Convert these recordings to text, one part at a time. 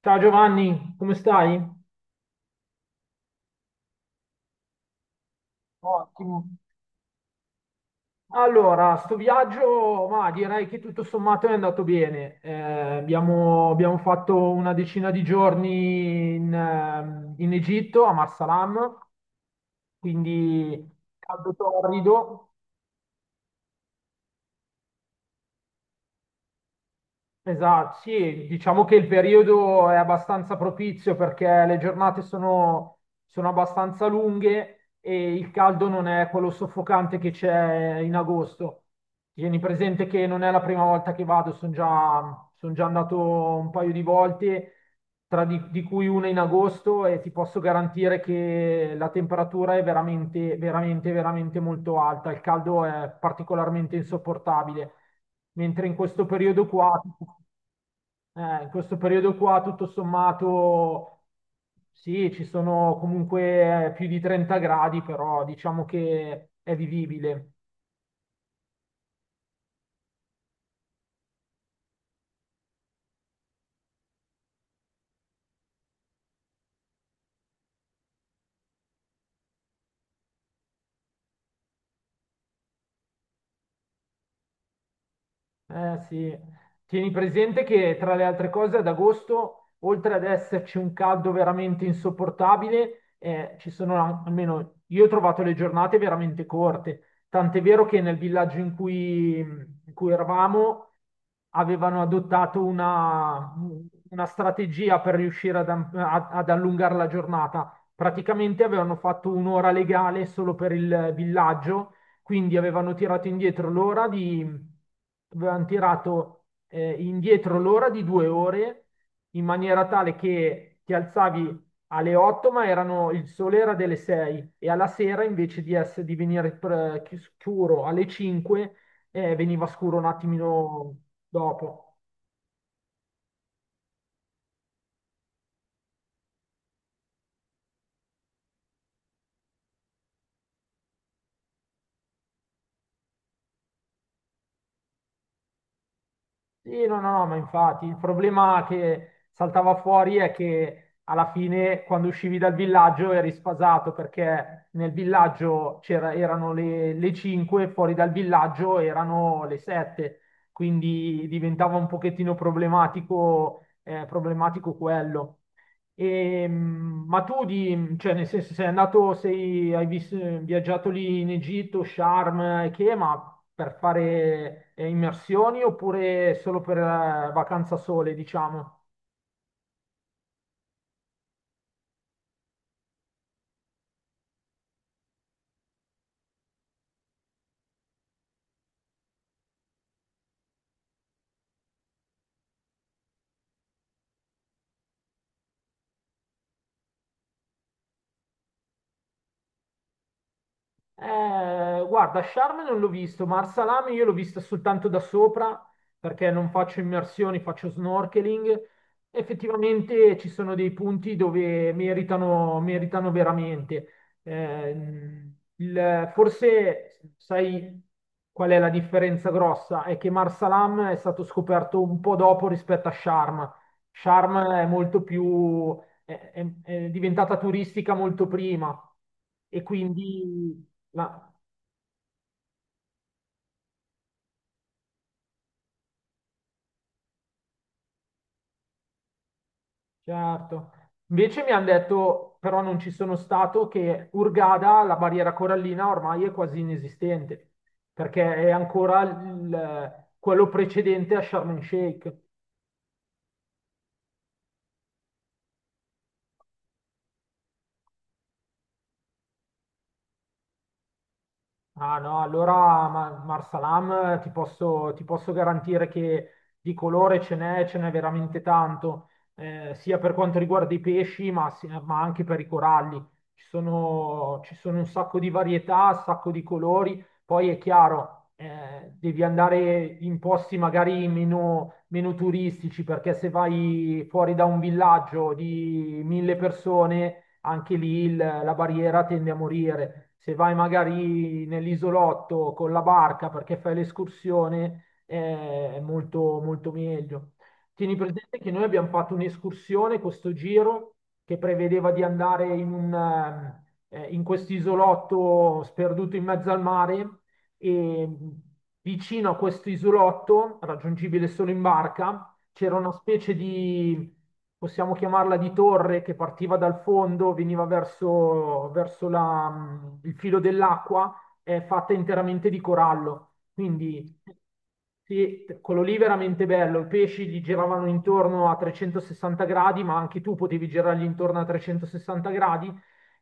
Ciao Giovanni, come stai? Ottimo. Allora, sto viaggio, ma direi che tutto sommato è andato bene. Abbiamo fatto una decina di giorni in Egitto, a Marsalam, quindi caldo torrido. Esatto, sì, diciamo che il periodo è abbastanza propizio perché le giornate sono abbastanza lunghe e il caldo non è quello soffocante che c'è in agosto. Tieni presente che non è la prima volta che vado, son già andato un paio di volte di cui una in agosto e ti posso garantire che la temperatura è veramente molto alta, il caldo è particolarmente insopportabile, mentre in questo periodo qua, in questo periodo qua tutto sommato sì, ci sono comunque più di 30 gradi, però diciamo che è vivibile. Eh sì, tieni presente che tra le altre cose ad agosto, oltre ad esserci un caldo veramente insopportabile, almeno io ho trovato le giornate veramente corte. Tant'è vero che nel villaggio in cui eravamo avevano una strategia per riuscire ad allungare la giornata. Praticamente avevano fatto un'ora legale solo per il villaggio, quindi avevano tirato indietro l'ora di due ore in maniera tale che ti alzavi alle 8, il sole era delle 6 e alla sera di venire scuro alle 5, veniva scuro un attimino dopo. Sì, no, no, no, ma infatti il problema che saltava fuori è che alla fine quando uscivi dal villaggio eri sfasato perché nel villaggio le 5, fuori dal villaggio erano le 7, quindi diventava un pochettino problematico quello. Ma tu, cioè, nel senso, viaggiato lì in Egitto, Sharm, e che, ma per fare immersioni oppure solo per vacanza sole, diciamo? Guarda, Charme non l'ho visto, ma Arsalame io l'ho vista soltanto da sopra perché non faccio immersioni, faccio snorkeling. Effettivamente ci sono dei punti dove meritano veramente. Eh, forse sai qual è la differenza grossa? È che Marsalam è stato scoperto un po' dopo rispetto a Sharm. Sharm è molto più, è diventata turistica molto prima e quindi la- certo. Invece mi hanno detto, però non ci sono stato, che Hurghada, la barriera corallina ormai è quasi inesistente, perché è ancora quello precedente a Sharm el Sheikh. Ah no, allora Marsalam ti posso garantire che di colore ce n'è veramente tanto, sia per quanto riguarda i pesci, ma anche per i coralli. Ci sono un sacco di varietà, un sacco di colori. Poi è chiaro, devi andare in posti meno turistici, perché se vai fuori da un villaggio di mille persone anche lì la barriera tende a morire. Se vai magari nell'isolotto con la barca perché fai l'escursione, è molto meglio. Tieni presente che noi abbiamo fatto un'escursione, questo giro, che prevedeva di andare in questo isolotto sperduto in mezzo al mare e vicino a questo isolotto, raggiungibile solo in barca, c'era una possiamo chiamarla di torre, che partiva dal fondo, veniva verso il filo dell'acqua, è fatta interamente di corallo. Quindi sì, quello lì veramente bello, i pesci gli giravano intorno a 360 gradi, ma anche tu potevi girargli intorno a 360 gradi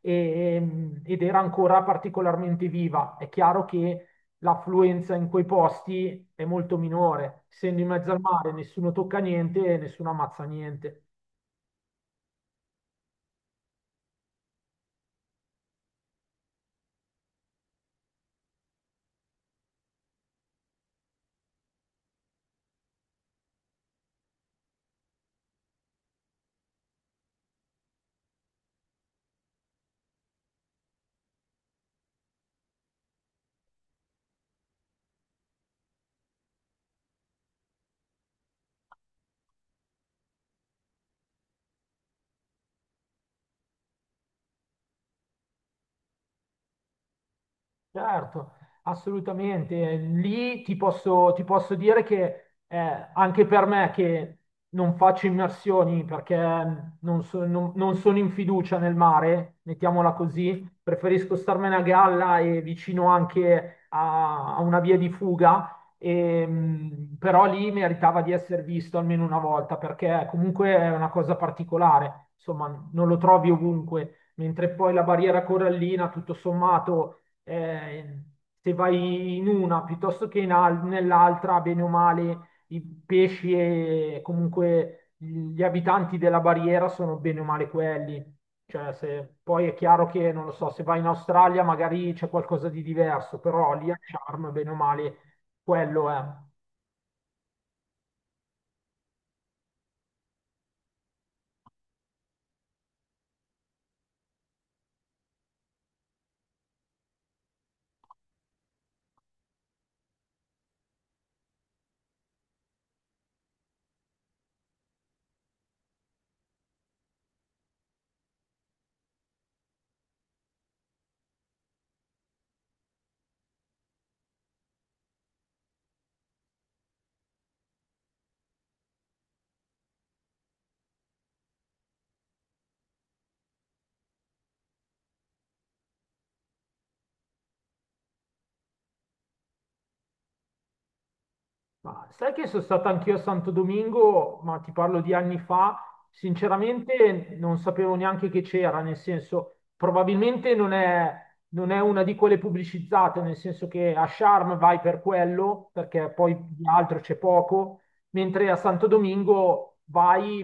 ed era ancora particolarmente viva. È chiaro che l'affluenza in quei posti è molto minore, essendo in mezzo al mare, nessuno tocca niente e nessuno ammazza niente. Certo, assolutamente. Lì ti posso dire che anche per me che non faccio immersioni perché mm, non, non sono in fiducia nel mare, mettiamola così, preferisco starmene a galla e vicino anche a una via di fuga, e, però lì meritava di essere visto almeno una volta perché comunque è una cosa particolare, insomma non lo trovi ovunque, mentre poi la barriera corallina tutto sommato eh, se vai in una piuttosto che nell'altra, bene o male, i pesci e comunque gli abitanti della barriera sono bene o male quelli. Cioè, se, poi è chiaro che, non lo so, se vai in Australia magari c'è qualcosa di diverso, però lì a Charm, bene o male, quello è. Ma sai che sono stato anch'io a Santo Domingo, ma ti parlo di anni fa, sinceramente non sapevo neanche che c'era, nel senso, probabilmente non è una di quelle pubblicizzate, nel senso che a Sharm vai per quello, perché poi di altro c'è poco, mentre a Santo Domingo vai,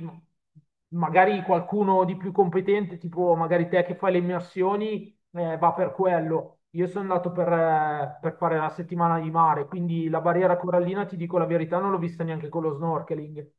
magari qualcuno di più competente, tipo magari te che fai le immersioni va per quello. Io sono andato per fare la settimana di mare, quindi la barriera corallina, ti dico la verità, non l'ho vista neanche con lo snorkeling.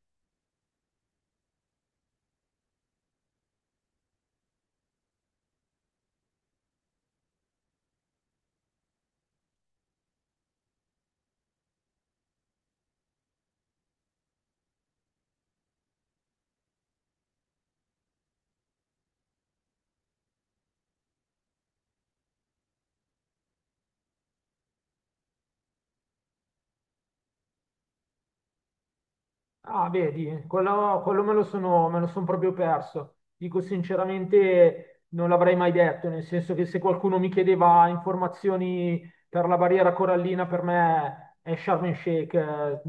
Ah, vedi, quello, me lo son proprio perso. Dico sinceramente, non l'avrei mai detto, nel senso che se qualcuno mi chiedeva informazioni per la barriera corallina, per me è Sharm el Sheikh. Eh,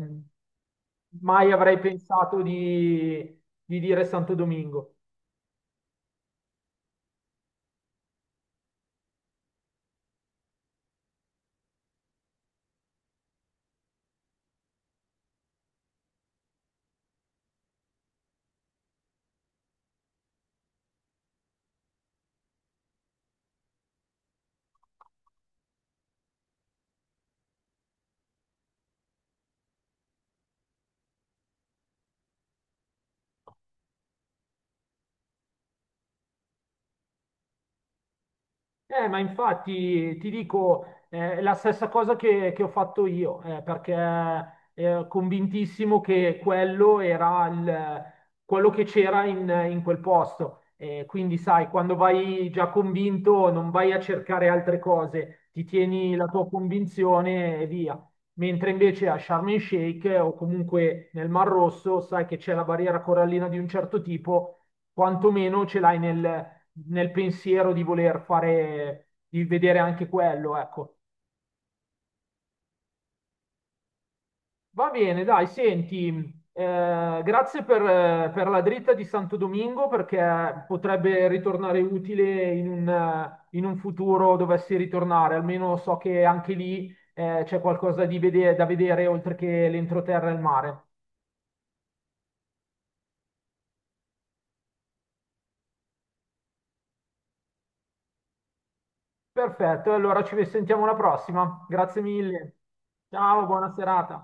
mai avrei pensato di dire Santo Domingo. Ma infatti ti dico è la stessa cosa che ho fatto io, perché ero convintissimo che quello era quello che c'era in quel posto. Quindi, sai, quando vai già convinto, non vai a cercare altre cose, ti tieni la tua convinzione e via. Mentre invece a Sharm el Sheikh o comunque nel Mar Rosso, sai che c'è la barriera corallina di un certo tipo, quantomeno ce l'hai nel pensiero di voler fare, di vedere anche quello, ecco. Va bene, dai, senti, grazie per la dritta di Santo Domingo perché potrebbe ritornare utile in un futuro dovessi ritornare, almeno so che anche lì c'è qualcosa di da vedere oltre che l'entroterra e il mare. Perfetto, allora ci sentiamo alla prossima. Grazie mille. Ciao, buona serata.